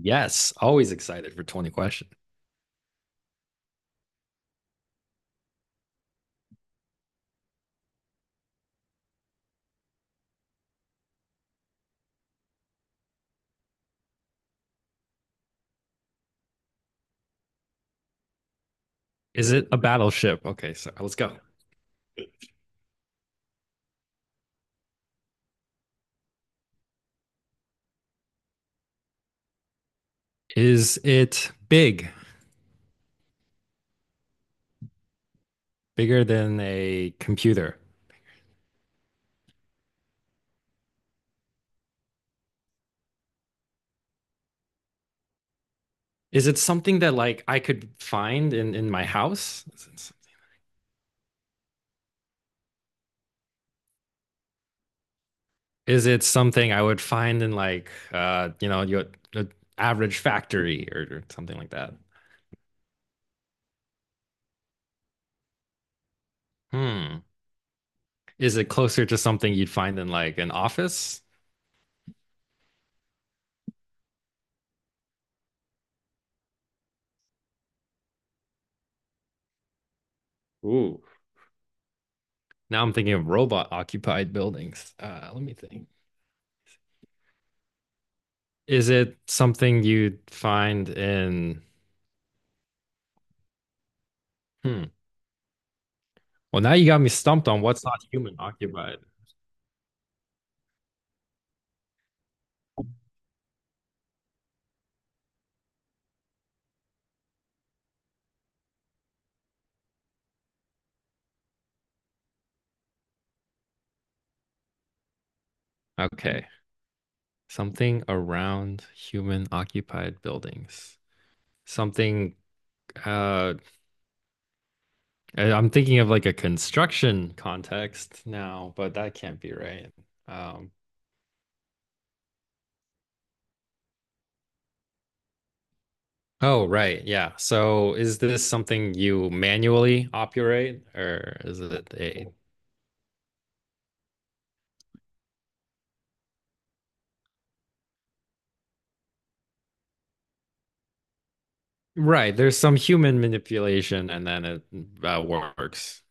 Yes, always excited for 20 question. Is it a battleship? Okay, so let's go. Is it big, bigger than a computer? Is it something that like I could find in my house? Is it something I would find in like you know, your average factory, or something like that? Hmm. Is it closer to something you'd find in like an office? Ooh. Now I'm thinking of robot occupied buildings. Let me think. Is it something you'd find in, hmm. Well, now you got me stumped on what's not human occupied. Okay. Something around human occupied buildings. Something, uh, I- am thinking of like a construction context now, but that can't be right. Um, oh, right. Yeah. So is this something you manually operate, or is it a, right? There's some human manipulation, and then it works.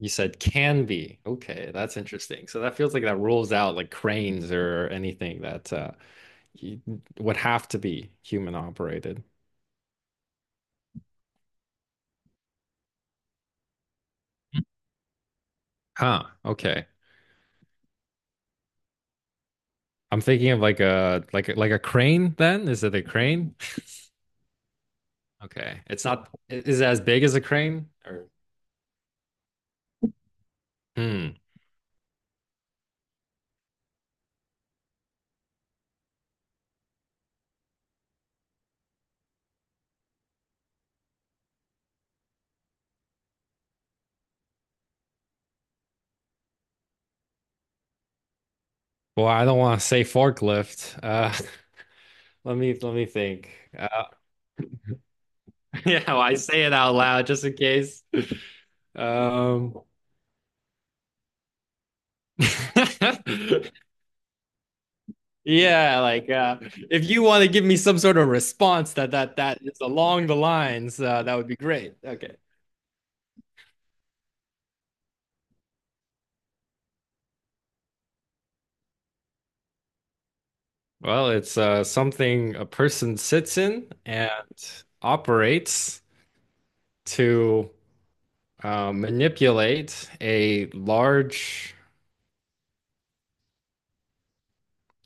You said can be. Okay, that's interesting. So that feels like that rules out like cranes or anything that you- would have to be human operated. Huh. Okay. I'm thinking of like a like a crane then. Is it a crane? Okay. It's not I- is it as big as a crane, or hmm. Well, I don't want to say forklift. Let me think. Uh yeah, well, I say it out loud just in case. Um Yeah, like if you want to give me some sort of response that that is along the lines, that would be great. Okay. Well, it's something a person sits in and operates to manipulate a large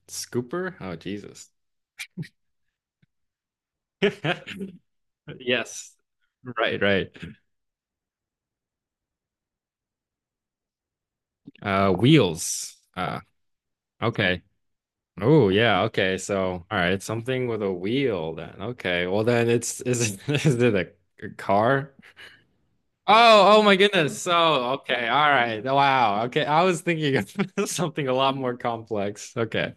scooper. Oh, Jesus. Yes. Right, right. Wheels. Okay. Oh yeah, okay. So, all right, something with a wheel then. Okay. Well then it's is it, is it a car? Oh, oh my goodness. So, okay. All right. Wow. Okay. I was thinking of something a lot more complex. Okay.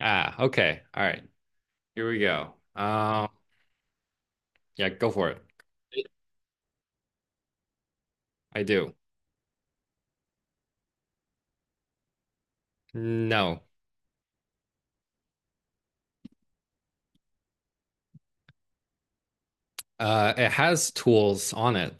Ah, okay. All right. Here we go. Yeah, go for it. I do. No. It has tools on it.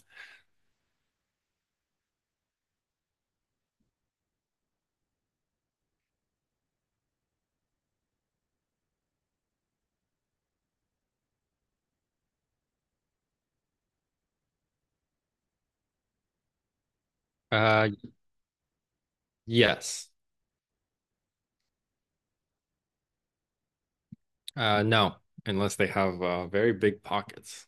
Uh, yes. No, unless they have very big pockets.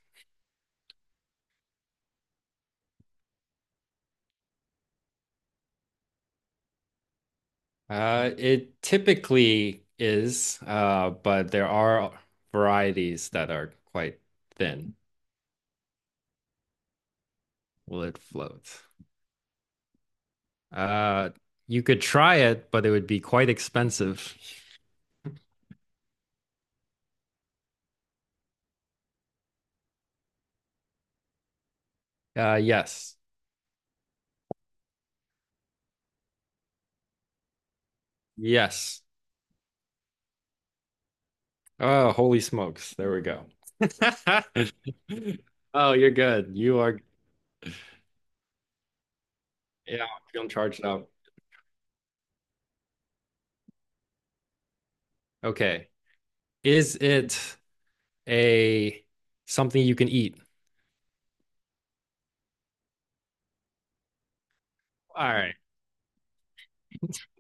It typically is, but there are varieties that are quite thin. Will it float? Uh, you could try it, but it would be quite expensive. Yes. Yes. Oh, holy smokes. There we go. Oh, you're good. You are, yeah, feeling charged up. Okay. Is it a something you can eat? All right.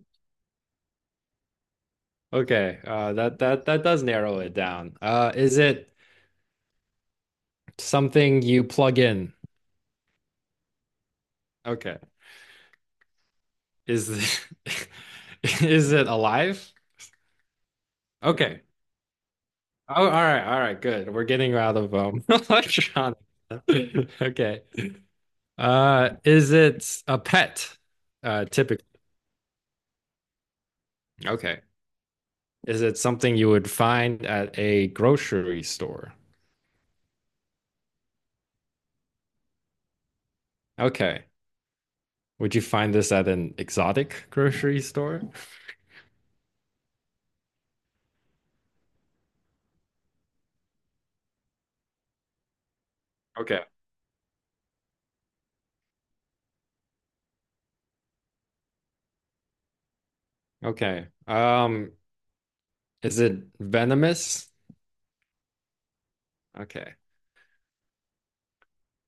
Okay, that that does narrow it down. Is it something you plug in? Okay, is th- is it alive? Okay. Oh, all right, good. We're getting out of electronic. Okay. Is it a pet? Typically. Okay. Is it something you would find at a grocery store? Okay. Would you find this at an exotic grocery store? Okay. Okay. Is it venomous? Okay.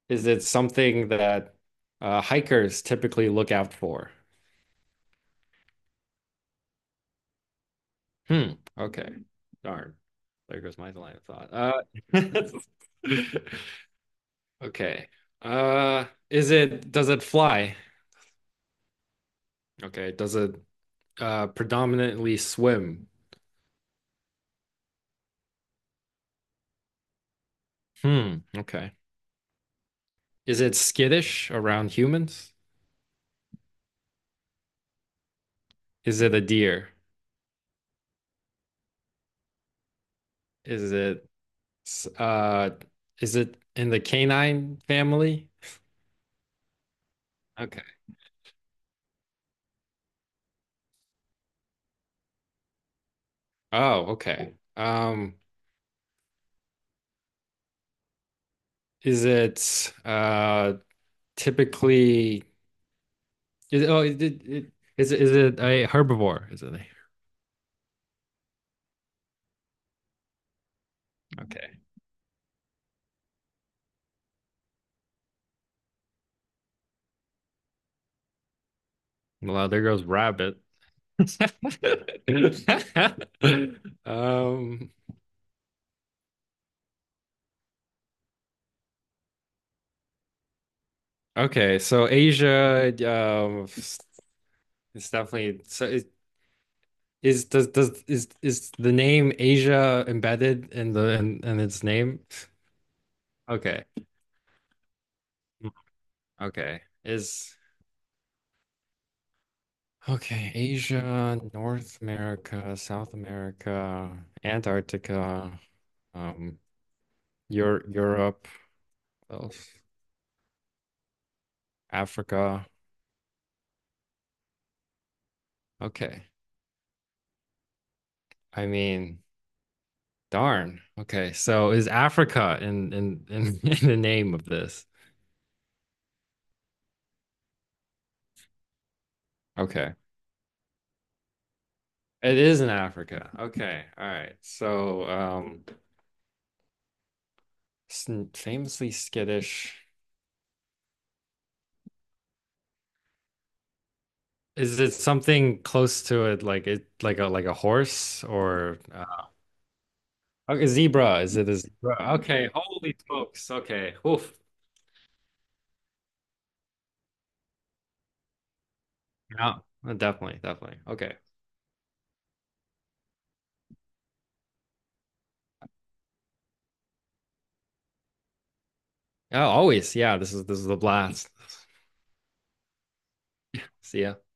Is it something that hikers typically look out for? Hmm. Okay. Darn. There goes my line of thought. Uh, okay. Is it, does it fly? Okay. Does it predominantly swim? Hmm. Okay. Is it skittish around humans? Is it a deer? Is it, s- uh, is it in the canine family? Okay. Oh, okay. Is it typically is oh it, it, it is it, is it a herbivore? Is it a, okay. Well, there goes rabbit. Um, okay, so Asia it's definitely so it is does is the name Asia embedded in in its name? Okay. Okay. Is okay, Asia, North America, South America, Antarctica, um, Europe, uh, Africa. Okay. I mean, darn. Okay. So is Africa in in the name of this? Okay. It is in Africa. Okay. All right. S- famously skittish. Is it something close to it, like a horse, or okay, zebra. Is it a zebra? Okay. Holy smokes. Okay. Oof. Yeah. Definitely. Definitely. Okay. Oh, always. Yeah. This is the blast. See ya.